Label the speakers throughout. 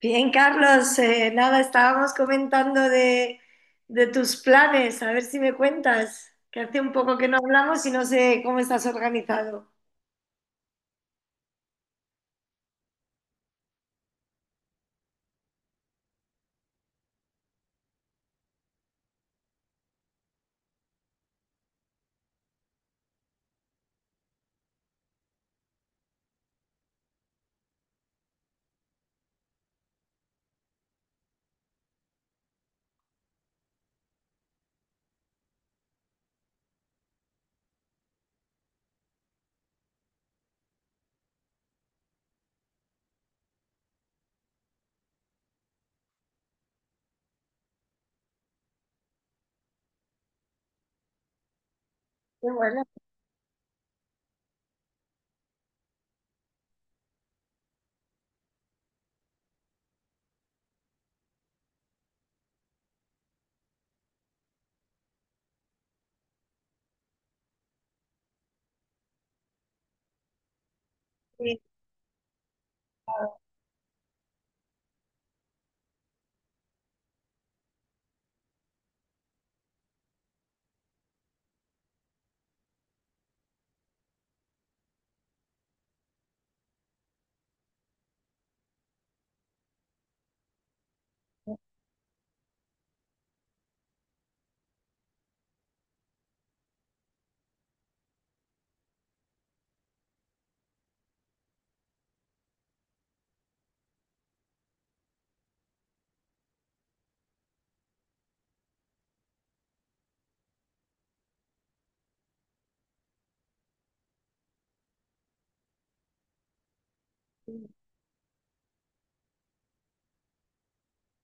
Speaker 1: Bien, Carlos, nada, estábamos comentando de tus planes, a ver si me cuentas, que hace un poco que no hablamos y no sé cómo estás organizado. Qué bueno. Sí.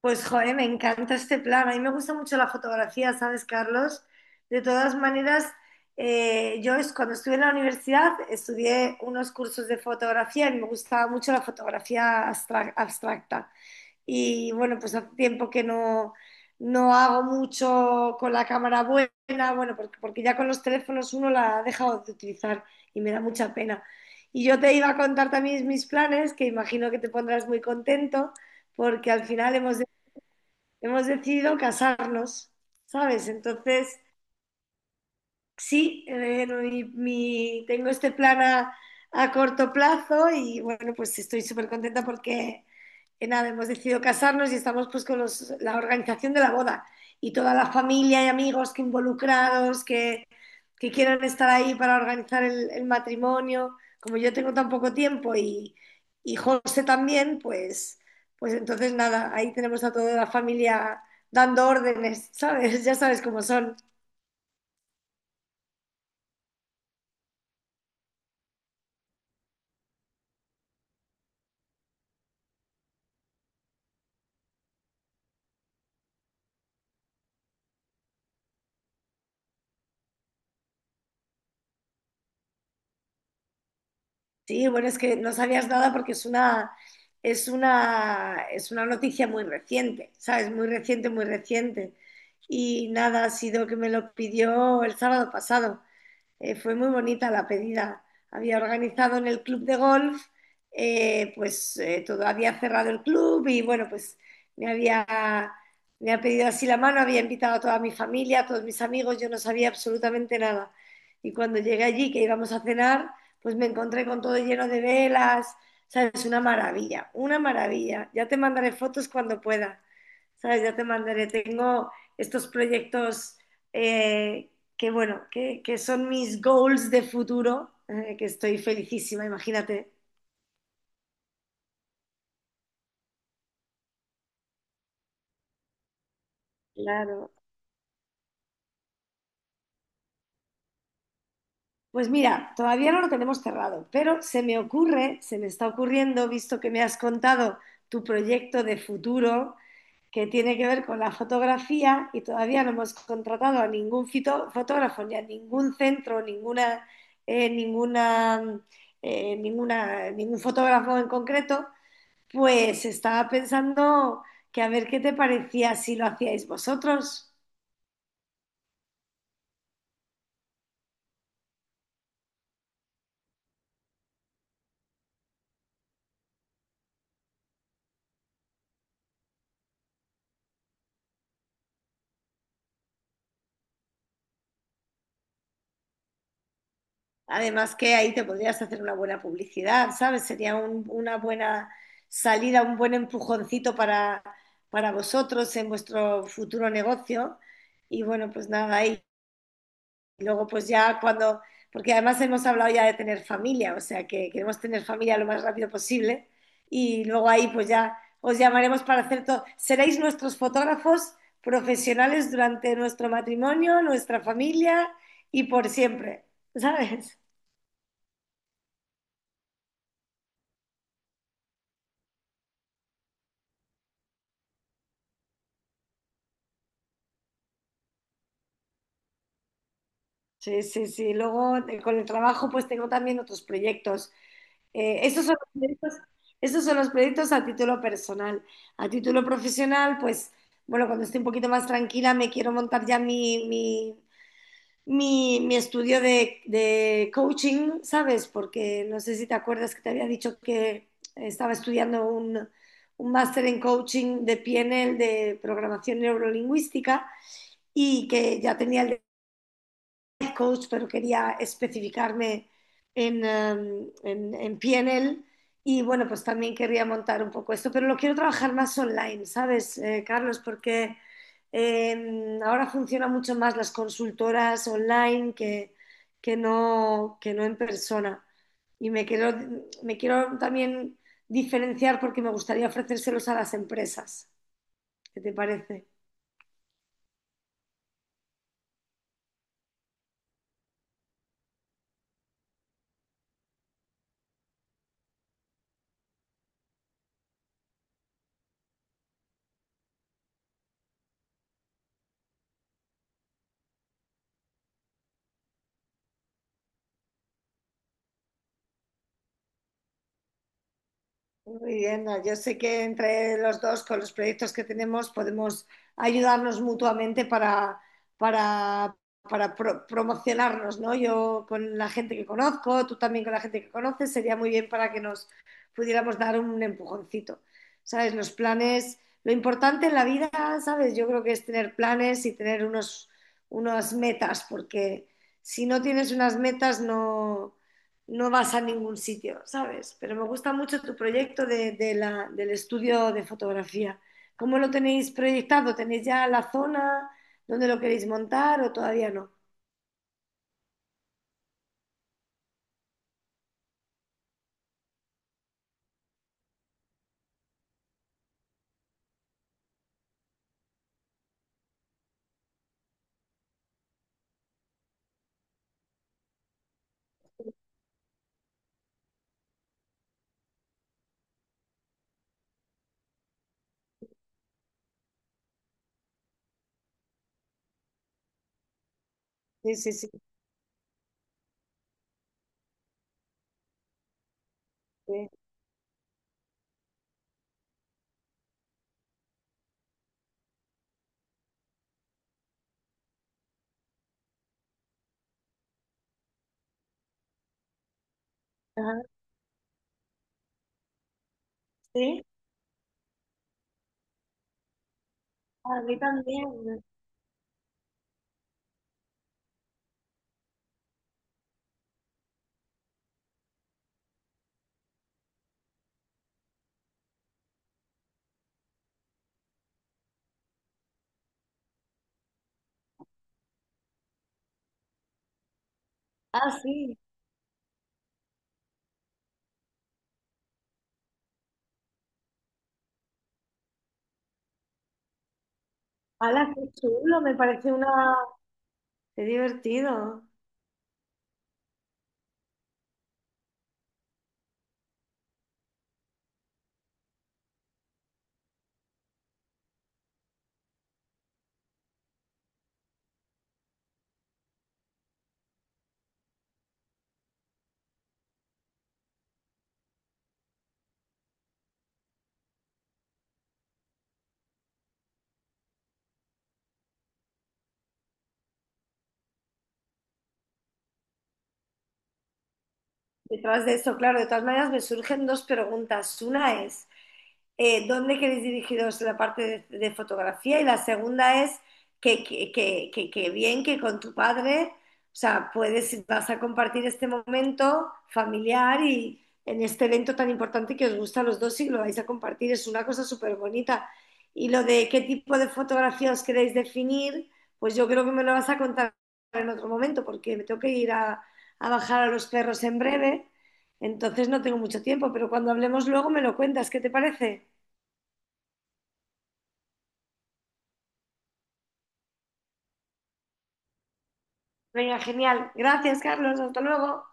Speaker 1: Pues, joder, me encanta este plan. A mí me gusta mucho la fotografía, ¿sabes, Carlos? De todas maneras, yo cuando estuve en la universidad estudié unos cursos de fotografía y me gustaba mucho la fotografía abstracta. Y bueno, pues hace tiempo que no hago mucho con la cámara buena, bueno, porque ya con los teléfonos uno la ha dejado de utilizar y me da mucha pena. Y yo te iba a contar también mis planes, que imagino que te pondrás muy contento, porque al final hemos decidido casarnos, ¿sabes? Entonces, sí, no, tengo este plan a corto plazo y bueno, pues estoy súper contenta porque que nada, hemos decidido casarnos y estamos pues con la organización de la boda y toda la familia y amigos que involucrados, que quieran estar ahí para organizar el matrimonio. Como yo tengo tan poco tiempo y José también, pues, pues entonces nada, ahí tenemos a toda la familia dando órdenes, ¿sabes? Ya sabes cómo son. Sí, bueno, es que no sabías nada porque es una noticia muy reciente, ¿sabes? Muy reciente, muy reciente. Y nada, ha sido que me lo pidió el sábado pasado. Fue muy bonita la pedida. Había organizado en el club de golf, todo había cerrado el club y bueno, pues me había, me ha pedido así la mano, había invitado a toda mi familia, a todos mis amigos, yo no sabía absolutamente nada. Y cuando llegué allí, que íbamos a cenar, pues me encontré con todo lleno de velas, ¿sabes? Una maravilla, una maravilla. Ya te mandaré fotos cuando pueda, ¿sabes? Ya te mandaré. Tengo estos proyectos eh, que bueno, que son mis goals de futuro, que estoy felicísima, imagínate. Claro. Pues mira, todavía no lo tenemos cerrado, pero se me está ocurriendo, visto que me has contado tu proyecto de futuro que tiene que ver con la fotografía y todavía no hemos contratado a ningún fotógrafo ni a ningún centro, eh, ninguna, ningún fotógrafo en concreto. Pues estaba pensando que a ver qué te parecía si lo hacíais vosotros. Además que ahí te podrías hacer una buena publicidad, ¿sabes? Sería una buena salida, un buen empujoncito para vosotros en vuestro futuro negocio. Y bueno, pues nada, ahí. Y luego pues ya cuando, porque además hemos hablado ya de tener familia, o sea que queremos tener familia lo más rápido posible y luego ahí pues ya os llamaremos para hacer todo. Seréis nuestros fotógrafos profesionales durante nuestro matrimonio, nuestra familia y por siempre, ¿sabes? Sí, sí, sí. Luego con el trabajo pues tengo también otros proyectos. Eh, estos son los proyectos, estos son los proyectos a título personal. A título profesional, pues, bueno, cuando esté un poquito más tranquila, me quiero montar ya mi estudio de coaching, ¿sabes? Porque no sé si te acuerdas que te había dicho que estaba estudiando un máster en coaching de PNL, de programación neurolingüística, y que ya tenía el coach, pero quería especificarme en PNL y bueno, pues también quería montar un poco esto, pero lo quiero trabajar más online, ¿sabes, Carlos? Porque ahora funcionan mucho más las consultoras online no, que no en persona. Y me quiero, me quiero también diferenciar porque me gustaría ofrecérselos a las empresas. ¿Qué te parece? Muy bien, no, yo sé que entre los dos, con los proyectos que tenemos, podemos ayudarnos mutuamente para promocionarnos, ¿no? Yo con la gente que conozco, tú también con la gente que conoces, sería muy bien para que nos pudiéramos dar un empujoncito, ¿sabes? Los planes, lo importante en la vida, ¿sabes? Yo creo que es tener planes y tener unas metas, porque si no tienes unas metas, no vas a ningún sitio, ¿sabes? Pero me gusta mucho tu proyecto del estudio de fotografía. ¿Cómo lo tenéis proyectado? ¿Tenéis ya la zona donde lo queréis montar o todavía no? Sí, sí, sí. Sí. Ajá, sí. A mí también. Ah, sí. ¡Hala, qué chulo! Me parece una... Qué divertido. Detrás de eso, claro, de todas maneras me surgen dos preguntas. Una es, dónde queréis dirigiros la parte de fotografía y la segunda es que, que bien que con tu padre, o sea, puedes, vas a compartir este momento familiar y en este evento tan importante que os gusta a los dos y lo vais a compartir, es una cosa súper bonita. Y lo de qué tipo de fotografía os queréis definir, pues yo creo que me lo vas a contar en otro momento porque me tengo que ir a bajar a los perros en breve, entonces no tengo mucho tiempo, pero cuando hablemos luego me lo cuentas, ¿qué te parece? Venga, genial. Gracias, Carlos. Hasta luego.